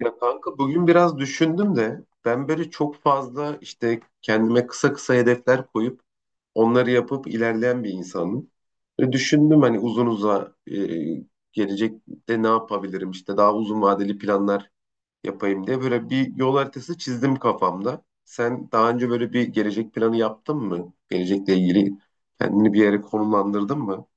Ya kanka bugün biraz düşündüm de ben böyle çok fazla işte kendime kısa kısa hedefler koyup onları yapıp ilerleyen bir insanım. Böyle düşündüm hani uzun gelecekte ne yapabilirim işte daha uzun vadeli planlar yapayım diye böyle bir yol haritası çizdim kafamda. Sen daha önce böyle bir gelecek planı yaptın mı? Gelecekle ilgili kendini bir yere konumlandırdın mı?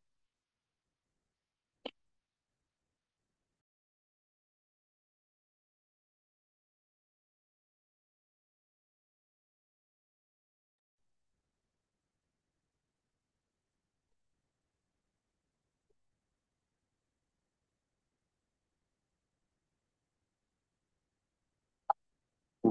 Hı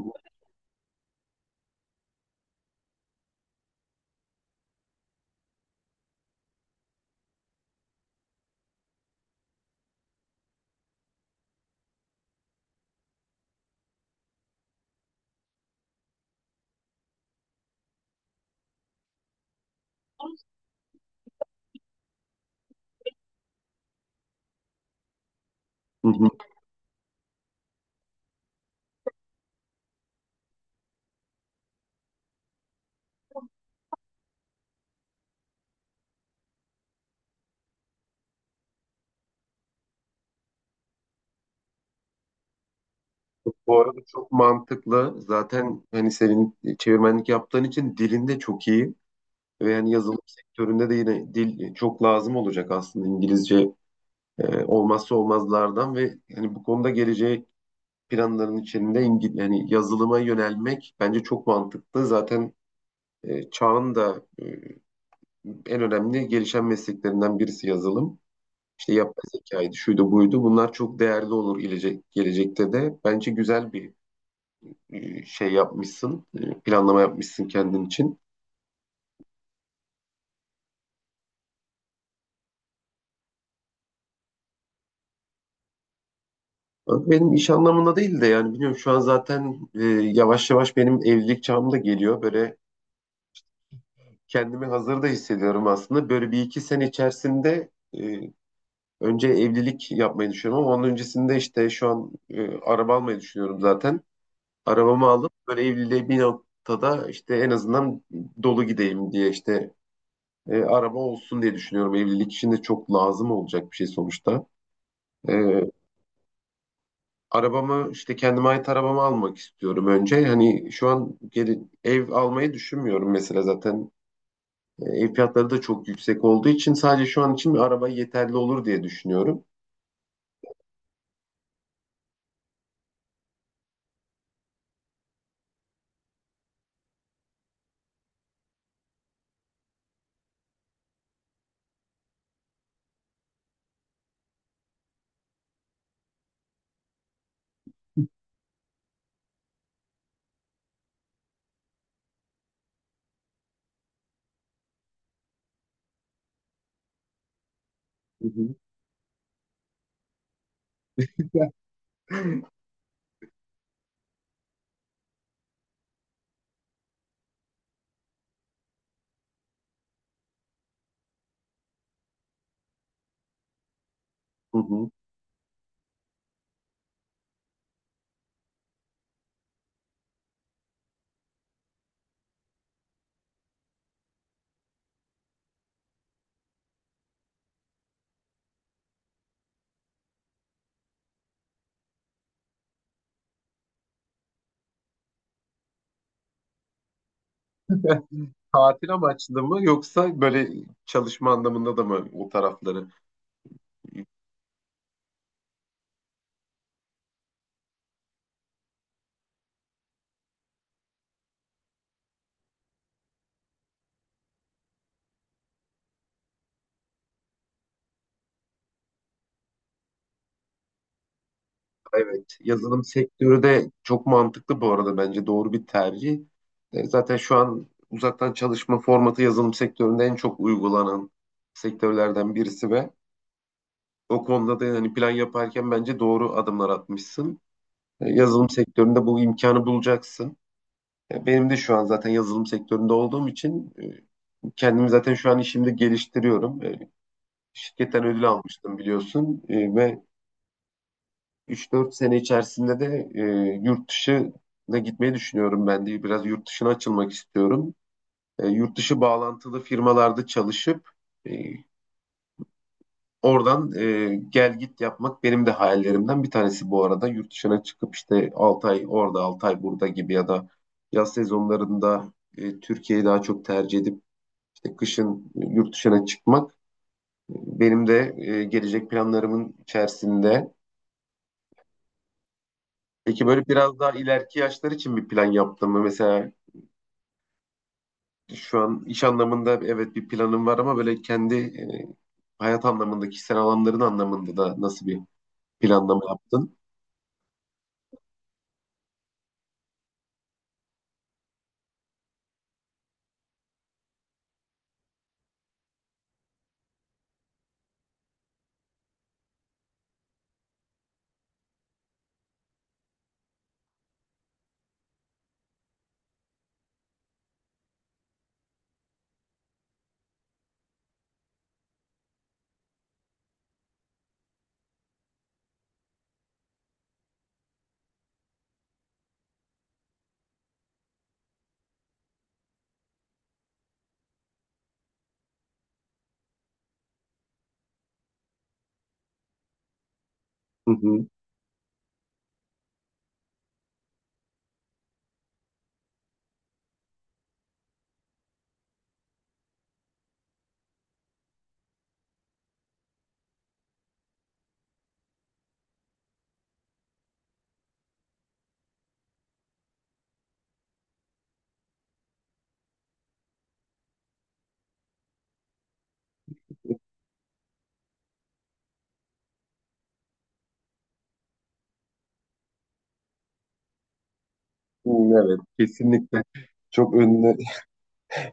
hı. Bu arada çok mantıklı. Zaten hani senin çevirmenlik yaptığın için dilin de çok iyi ve yani yazılım sektöründe de yine dil çok lazım olacak aslında İngilizce olmazsa olmazlardan ve hani bu konuda geleceğe planların içinde yani yazılıma yönelmek bence çok mantıklı. Zaten çağın da en önemli gelişen mesleklerinden birisi yazılım. İşte yapay zekaydı, şuydu buydu. Bunlar çok değerli olur gelecek, gelecekte de. Bence güzel bir şey yapmışsın, planlama yapmışsın kendin için. Benim iş anlamında değil de yani biliyorum şu an zaten yavaş yavaş benim evlilik çağım da geliyor. Böyle kendimi hazır da hissediyorum aslında. Böyle bir iki sene içerisinde e, önce evlilik yapmayı düşünüyorum ama onun öncesinde işte şu an araba almayı düşünüyorum zaten. Arabamı alıp böyle evliliğe bir noktada işte en azından dolu gideyim diye işte araba olsun diye düşünüyorum. Evlilik için de çok lazım olacak bir şey sonuçta. E, arabamı işte kendime ait arabamı almak istiyorum önce. Hani şu an ev almayı düşünmüyorum mesela zaten. Ev fiyatları da çok yüksek olduğu için sadece şu an için bir araba yeterli olur diye düşünüyorum. Hı hı. Hı hı. Tatil amaçlı mı yoksa böyle çalışma anlamında da mı o tarafları? Evet, yazılım sektörü de çok mantıklı bu arada bence doğru bir tercih. Zaten şu an uzaktan çalışma formatı yazılım sektöründe en çok uygulanan sektörlerden birisi ve o konuda da yani plan yaparken bence doğru adımlar atmışsın. Yazılım sektöründe bu imkanı bulacaksın. Benim de şu an zaten yazılım sektöründe olduğum için kendimi zaten şu an işimde geliştiriyorum. Şirketten ödül almıştım biliyorsun ve 3-4 sene içerisinde de yurt dışına gitmeyi düşünüyorum ben de. Biraz yurt dışına açılmak istiyorum. Yurt dışı bağlantılı firmalarda çalışıp e, oradan gel git yapmak benim de hayallerimden bir tanesi bu arada. Yurt dışına çıkıp işte 6 ay orada 6 ay burada gibi ya da yaz sezonlarında Türkiye'yi daha çok tercih edip işte kışın yurt dışına çıkmak e, benim de gelecek planlarımın içerisinde. Peki böyle biraz daha ileriki yaşlar için bir plan yaptın mı? Mesela şu an iş anlamında evet bir planım var ama böyle kendi hayat anlamında, kişisel alanların anlamında da nasıl bir planlama yaptın? Hı hı. Hı. Evet, kesinlikle çok önüne.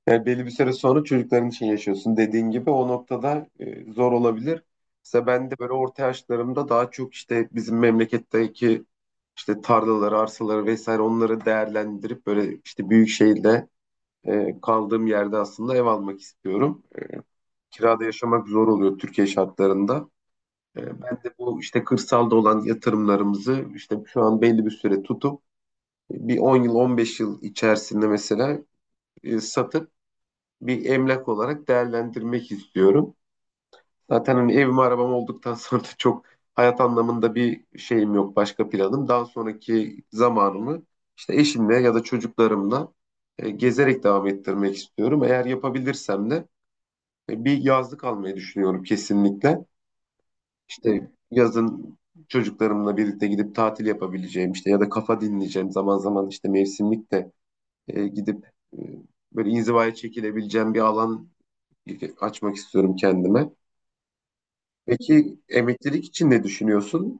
Yani belli bir süre sonra çocukların için yaşıyorsun. Dediğin gibi o noktada zor olabilir. Mesela ben de böyle orta yaşlarımda daha çok işte bizim memleketteki işte tarlaları, arsaları vesaire onları değerlendirip böyle işte büyük şehirde kaldığım yerde aslında ev almak istiyorum. Kirada yaşamak zor oluyor Türkiye şartlarında. Ben de bu işte kırsalda olan yatırımlarımızı işte şu an belli bir süre tutup bir 10 yıl, 15 yıl içerisinde mesela satıp bir emlak olarak değerlendirmek istiyorum. Zaten hani evim arabam olduktan sonra da çok hayat anlamında bir şeyim yok, başka planım. Daha sonraki zamanımı işte eşimle ya da çocuklarımla gezerek devam ettirmek istiyorum. Eğer yapabilirsem de bir yazlık almayı düşünüyorum kesinlikle. İşte yazın çocuklarımla birlikte gidip tatil yapabileceğim işte ya da kafa dinleyeceğim zaman zaman işte mevsimlik de gidip e, böyle inzivaya çekilebileceğim bir alan açmak istiyorum kendime. Peki emeklilik için ne düşünüyorsun?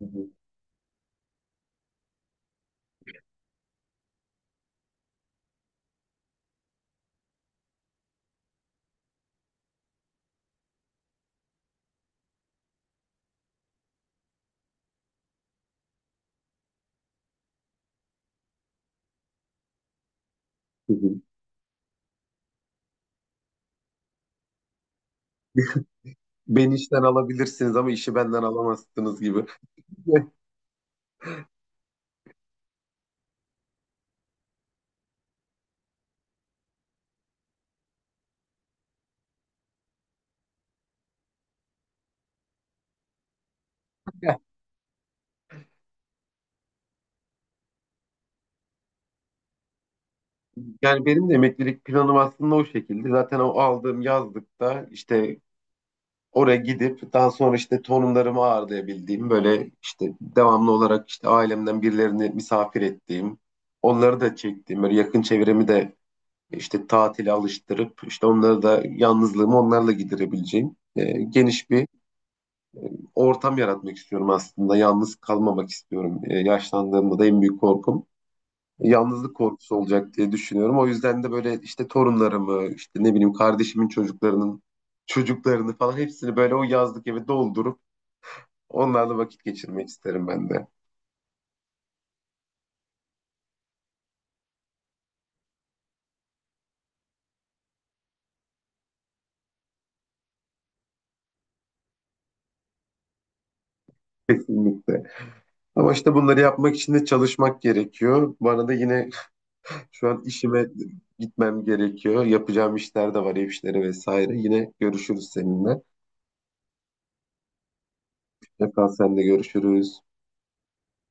Hı hı, hı hı. Beni işten alabilirsiniz ama işi benden alamazsınız gibi. Yani benim de emeklilik planım aslında o şekilde. Zaten o aldığım yazlıkta işte oraya gidip daha sonra işte torunlarımı ağırlayabildiğim böyle işte devamlı olarak işte ailemden birilerini misafir ettiğim, onları da çektiğim böyle yakın çevremi de işte tatile alıştırıp işte onları da yalnızlığımı onlarla giderebileceğim geniş bir ortam yaratmak istiyorum aslında. Yalnız kalmamak istiyorum. Yaşlandığımda da en büyük korkum yalnızlık korkusu olacak diye düşünüyorum. O yüzden de böyle işte torunlarımı, işte ne bileyim kardeşimin çocuklarının çocuklarını falan hepsini böyle o yazlık eve doldurup onlarla vakit geçirmek isterim ben de. Kesinlikle. Ama işte bunları yapmak için de çalışmak gerekiyor. Bana da yine şu an işime gitmem gerekiyor. Yapacağım işler de var, ev işleri vesaire. Yine görüşürüz seninle. Tekrar seninle görüşürüz.